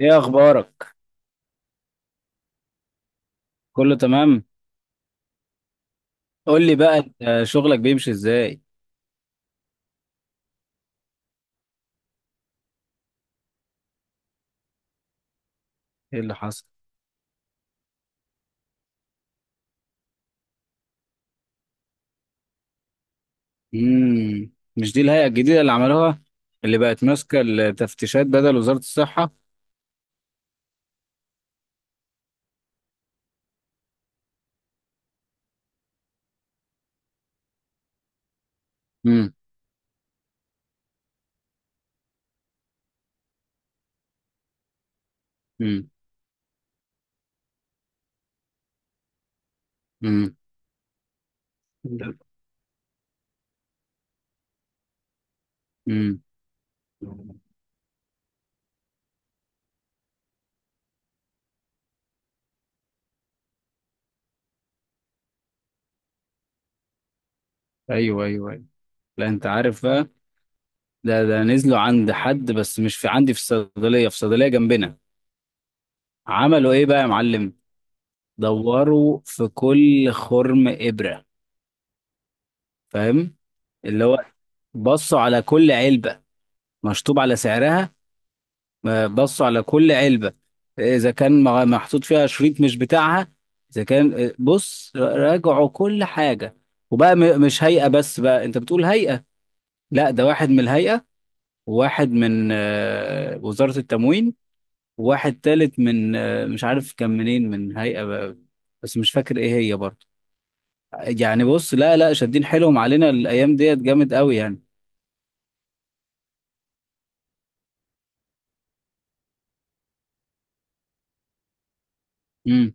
ايه اخبارك؟ كله تمام. قول لي بقى، انت شغلك بيمشي ازاي؟ ايه اللي حصل؟ مش دي الهيئة الجديدة اللي عملوها، اللي بقت ماسكة التفتيشات بدل وزارة الصحة؟ امم. امم. امم. امم. ايوه ايوه ايوه. لا انت عارف بقى، ده نزلوا عند حد بس مش في عندي، في الصيدلية، في صيدلية جنبنا. عملوا ايه بقى يا معلم؟ دوروا في كل خرم إبرة، فاهم؟ اللي هو بصوا على كل علبة، مشطوب على سعرها. بصوا على كل علبة إذا كان محطوط فيها شريط مش بتاعها. إذا كان بص، راجعوا كل حاجة. وبقى مش هيئة بس بقى، أنت بتقول هيئة؟ لا، ده واحد من الهيئة، وواحد من وزارة التموين، وواحد تالت من مش عارف كان منين، من هيئة بقى بس مش فاكر إيه هي برضه. يعني بص، لا لا، شادين حيلهم علينا الأيام ديت جامد قوي يعني. امم.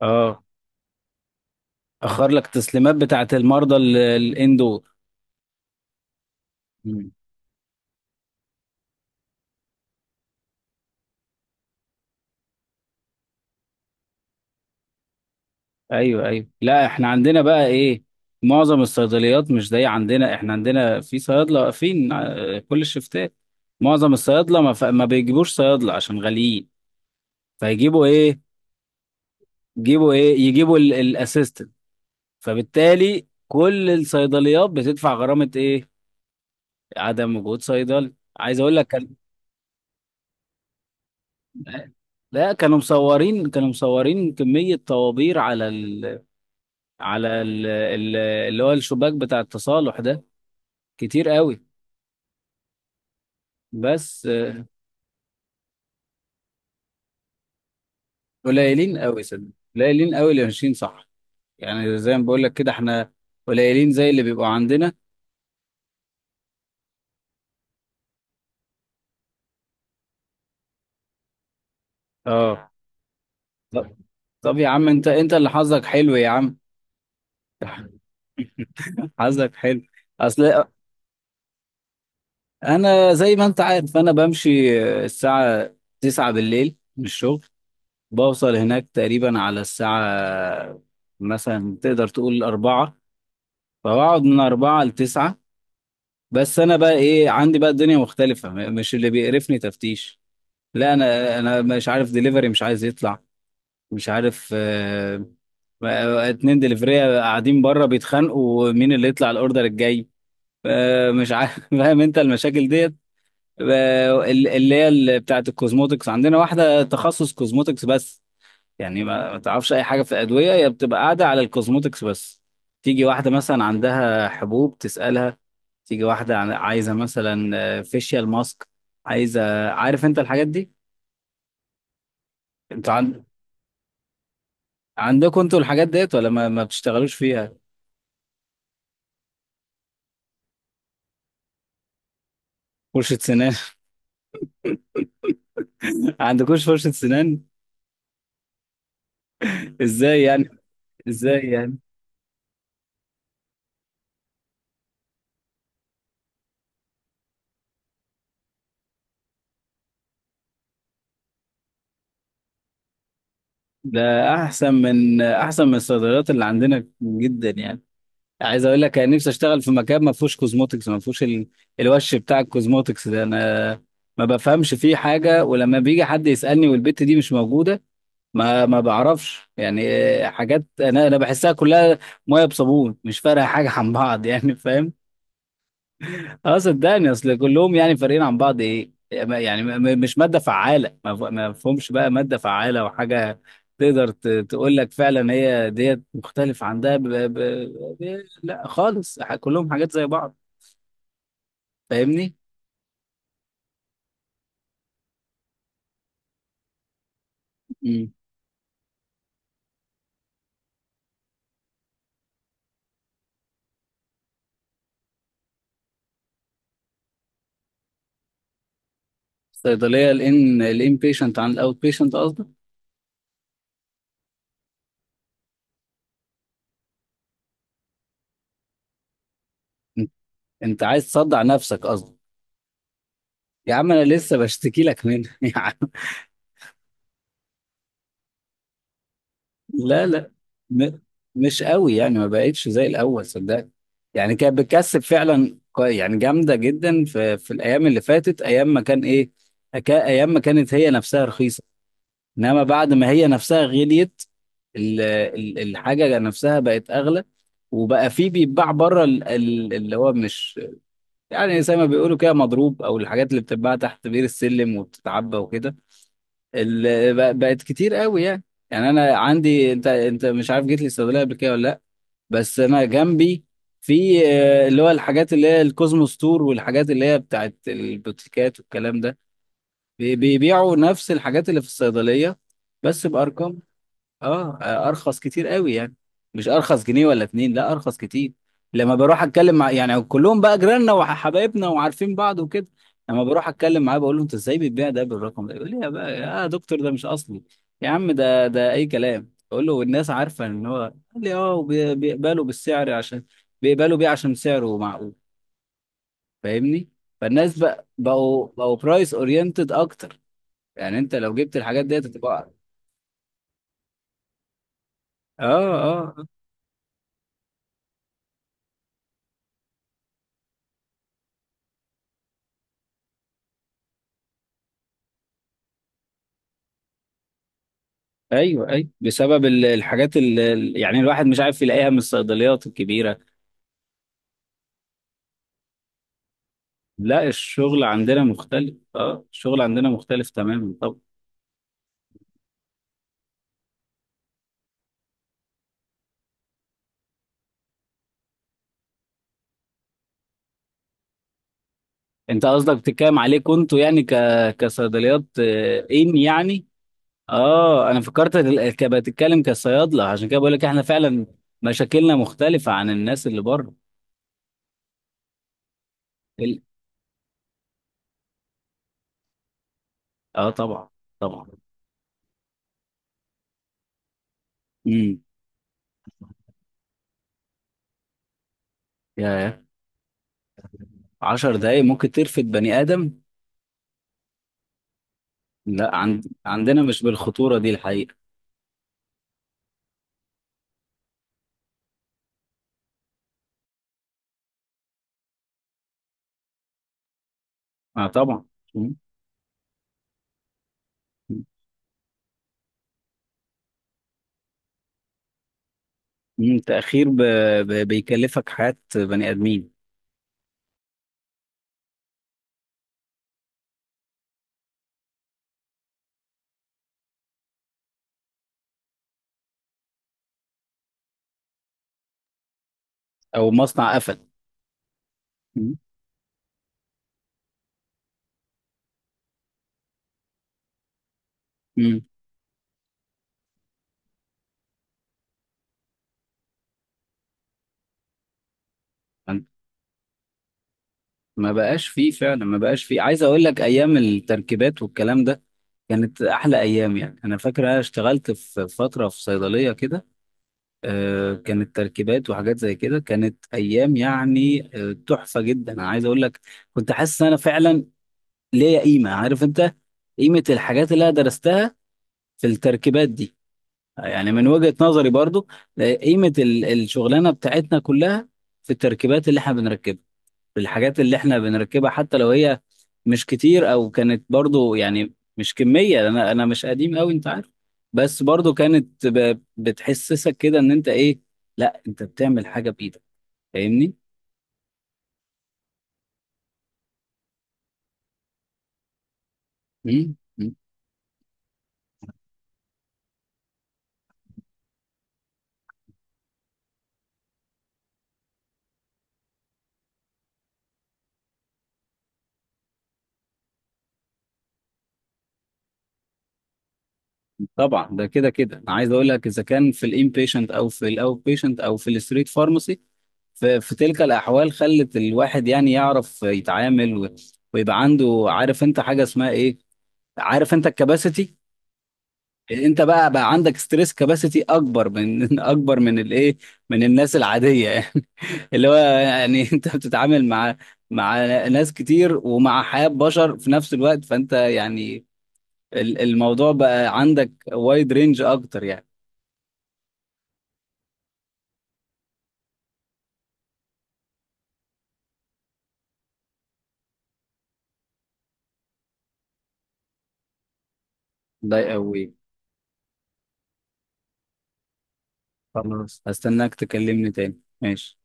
اه، أخر لك تسليمات بتاعت المرضى الإندور. ايوه ايوه، لا احنا عندنا بقى ايه، معظم الصيدليات مش زي عندنا، احنا عندنا في صيادله واقفين كل الشفتات. معظم الصيادله ما, ما بيجيبوش صيادله عشان غاليين، فيجيبوا ايه، يجيبوا ايه، يجيبوا الاسيستنت. فبالتالي كل الصيدليات بتدفع غرامه ايه، عدم وجود صيدلي، عايز اقول لك كان. لا، كانوا مصورين، كانوا مصورين كمية طوابير على اللي هو الشباك بتاع التصالح ده، كتير قوي. بس قليلين قوي صدق، قليلين قوي اللي ماشيين صح. يعني زي ما بقول لك كده، احنا قليلين زي اللي بيبقوا عندنا. اه. طب، طب يا عم، انت اللي حظك حلو يا عم، حظك حلو. اصل زي ما انت عارف، انا بمشي الساعة 9 بالليل من الشغل، بوصل هناك تقريبا على الساعة، مثلا تقدر تقول أربعة، فبقعد من أربعة لتسعة. بس أنا بقى إيه، عندي بقى الدنيا مختلفة، مش اللي بيقرفني تفتيش. لا انا مش عارف، دليفري مش عايز يطلع، مش عارف، اتنين دليفرية قاعدين بره بيتخانقوا مين اللي يطلع الاوردر الجاي، مش عارف فاهم انت المشاكل ديت. اللي هي بتاعه الكوزموتكس، عندنا واحدة تخصص كوزموتكس بس، يعني ما تعرفش اي حاجة في الادوية، هي بتبقى قاعدة على الكوزموتكس بس. تيجي واحدة مثلا عندها حبوب تسألها، تيجي واحدة عايزة مثلا فيشيال ماسك، عايزة، عارف انت الحاجات دي؟ انت عندكم انتوا الحاجات ديت ولا ما بتشتغلوش فيها؟ فرشة سنان عندكوش فرشة سنان؟ ازاي يعني؟ ازاي يعني؟ ده احسن من الصيدليات اللي عندنا جدا يعني. عايز اقول لك، انا نفسي اشتغل في مكان ما فيهوش كوزموتكس، ما فيهوش الوش بتاع الكوزموتكس ده. انا ما بفهمش فيه حاجة، ولما بيجي حد يسألني والبت دي مش موجودة، ما بعرفش يعني. حاجات، انا بحسها كلها ميه بصابون، مش فارقه حاجه عن بعض يعني، فاهم؟ اه، صدقني اصل كلهم يعني فارقين عن بعض ايه يعني، مش ماده فعاله، ما فهمش بقى ماده فعاله وحاجه تقدر تقول لك فعلا هي ديت مختلف عن ده. لا خالص، كلهم حاجات زي بعض، فاهمني؟ امم. الصيدليه الان بيشنت عن الاوت بيشنت قصدك؟ انت أنت عايز تصدع نفسك قصدك؟ يا عم انا لسه بشتكي لك منها لا لا، م... مش قوي يعني، ما بقتش زي الاول صدقني. يعني كانت بتكسب فعلا يعني جامده جدا في الايام اللي فاتت، ايام ما كان ايه، ايام ما كانت هي نفسها رخيصه. انما بعد ما هي نفسها غليت، الحاجه نفسها بقت اغلى. وبقى في بيتباع بره، اللي هو مش، يعني زي ما بيقولوا كده، مضروب او الحاجات اللي بتتباع تحت بير السلم وبتتعبى وكده، بقت كتير قوي يعني. يعني انا عندي، انت مش عارف جيت لي الصيدليه قبل كده ولا لا، بس انا جنبي في اللي هو الحاجات اللي هي الكوزموس تور والحاجات اللي هي بتاعت البوتيكات والكلام ده، بيبيعوا نفس الحاجات اللي في الصيدليه بس بارقام، اه، ارخص كتير قوي يعني، مش ارخص جنيه ولا اتنين، لا ارخص كتير. لما بروح اتكلم مع، يعني كلهم بقى جيراننا وحبايبنا وعارفين بعض وكده، لما بروح اتكلم معاه بقول له انت ازاي بتبيع ده بالرقم ده، يقول لي يا بقى يا دكتور ده مش اصلي. يا عم ده، ده اي كلام اقول له، والناس عارفه ان هو، قال لي اه بيقبلوا بالسعر عشان بيقبلوا بيه عشان سعره معقول، فاهمني؟ فالناس بقى، بقوا برايس اورينتد اكتر، يعني انت لو جبت الحاجات ديت هتبقى. اه اه، آه. ايوه، اي بسبب الحاجات اللي يعني الواحد مش عارف يلاقيها من الصيدليات الكبيره. لا الشغل عندنا مختلف، اه الشغل عندنا مختلف تماما. طب انت قصدك بتتكلم عليكم انتوا يعني، كصيدليات ان يعني. اه انا فكرت، بتتكلم كصيادله، عشان كده بقول لك احنا فعلا مشاكلنا مختلفه عن الناس اللي بره. ال- اه طبعا، طبعا. امم يا 10 دقايق ممكن ترفد بني ادم. لا عندنا مش بالخطوره دي الحقيقه. اه طبعا. تأخير بيكلفك حياة بني آدمين. أو مصنع قفل. مم. مم. ما بقاش فيه فعلا، ما بقاش فيه، عايز أقول لك أيام التركيبات والكلام ده كانت أحلى أيام. يعني أنا فاكر أنا اشتغلت في فترة في صيدلية كده، كانت تركيبات وحاجات زي كده، كانت أيام يعني تحفة جدا أنا عايز أقول لك. كنت حاسس إن أنا فعلا ليا قيمة، عارف أنت قيمة الحاجات اللي أنا درستها في التركيبات دي؟ يعني من وجهة نظري برضو، قيمة الشغلانة بتاعتنا كلها في التركيبات اللي احنا بنركبها، في الحاجات اللي احنا بنركبها، حتى لو هي مش كتير او كانت برضو، يعني مش كمية، انا مش قديم قوي انت عارف، بس برضو كانت بتحسسك كده ان انت ايه، لا انت بتعمل حاجة بايدك، فاهمني؟ مم. مم. طبعا، ده كده كده انا عايز اقول لك، اذا كان في الانبيشنت او في الاوت بيشنت او في الستريت فارماسي، في تلك الأحوال خلت الواحد يعني يعرف يتعامل، و- ويبقى عنده، عارف أنت حاجة اسمها إيه؟ عارف أنت الكباسيتي؟ أنت بقى عندك ستريس كباسيتي أكبر من أكبر من الإيه؟ من الناس العادية يعني اللي هو يعني أنت بتتعامل مع، مع ناس كتير ومع حياة بشر في نفس الوقت، فأنت يعني الموضوع بقى عندك وايد رينج أكتر يعني. ده قوي، خلاص هستناك تكلمني تاني ماشي.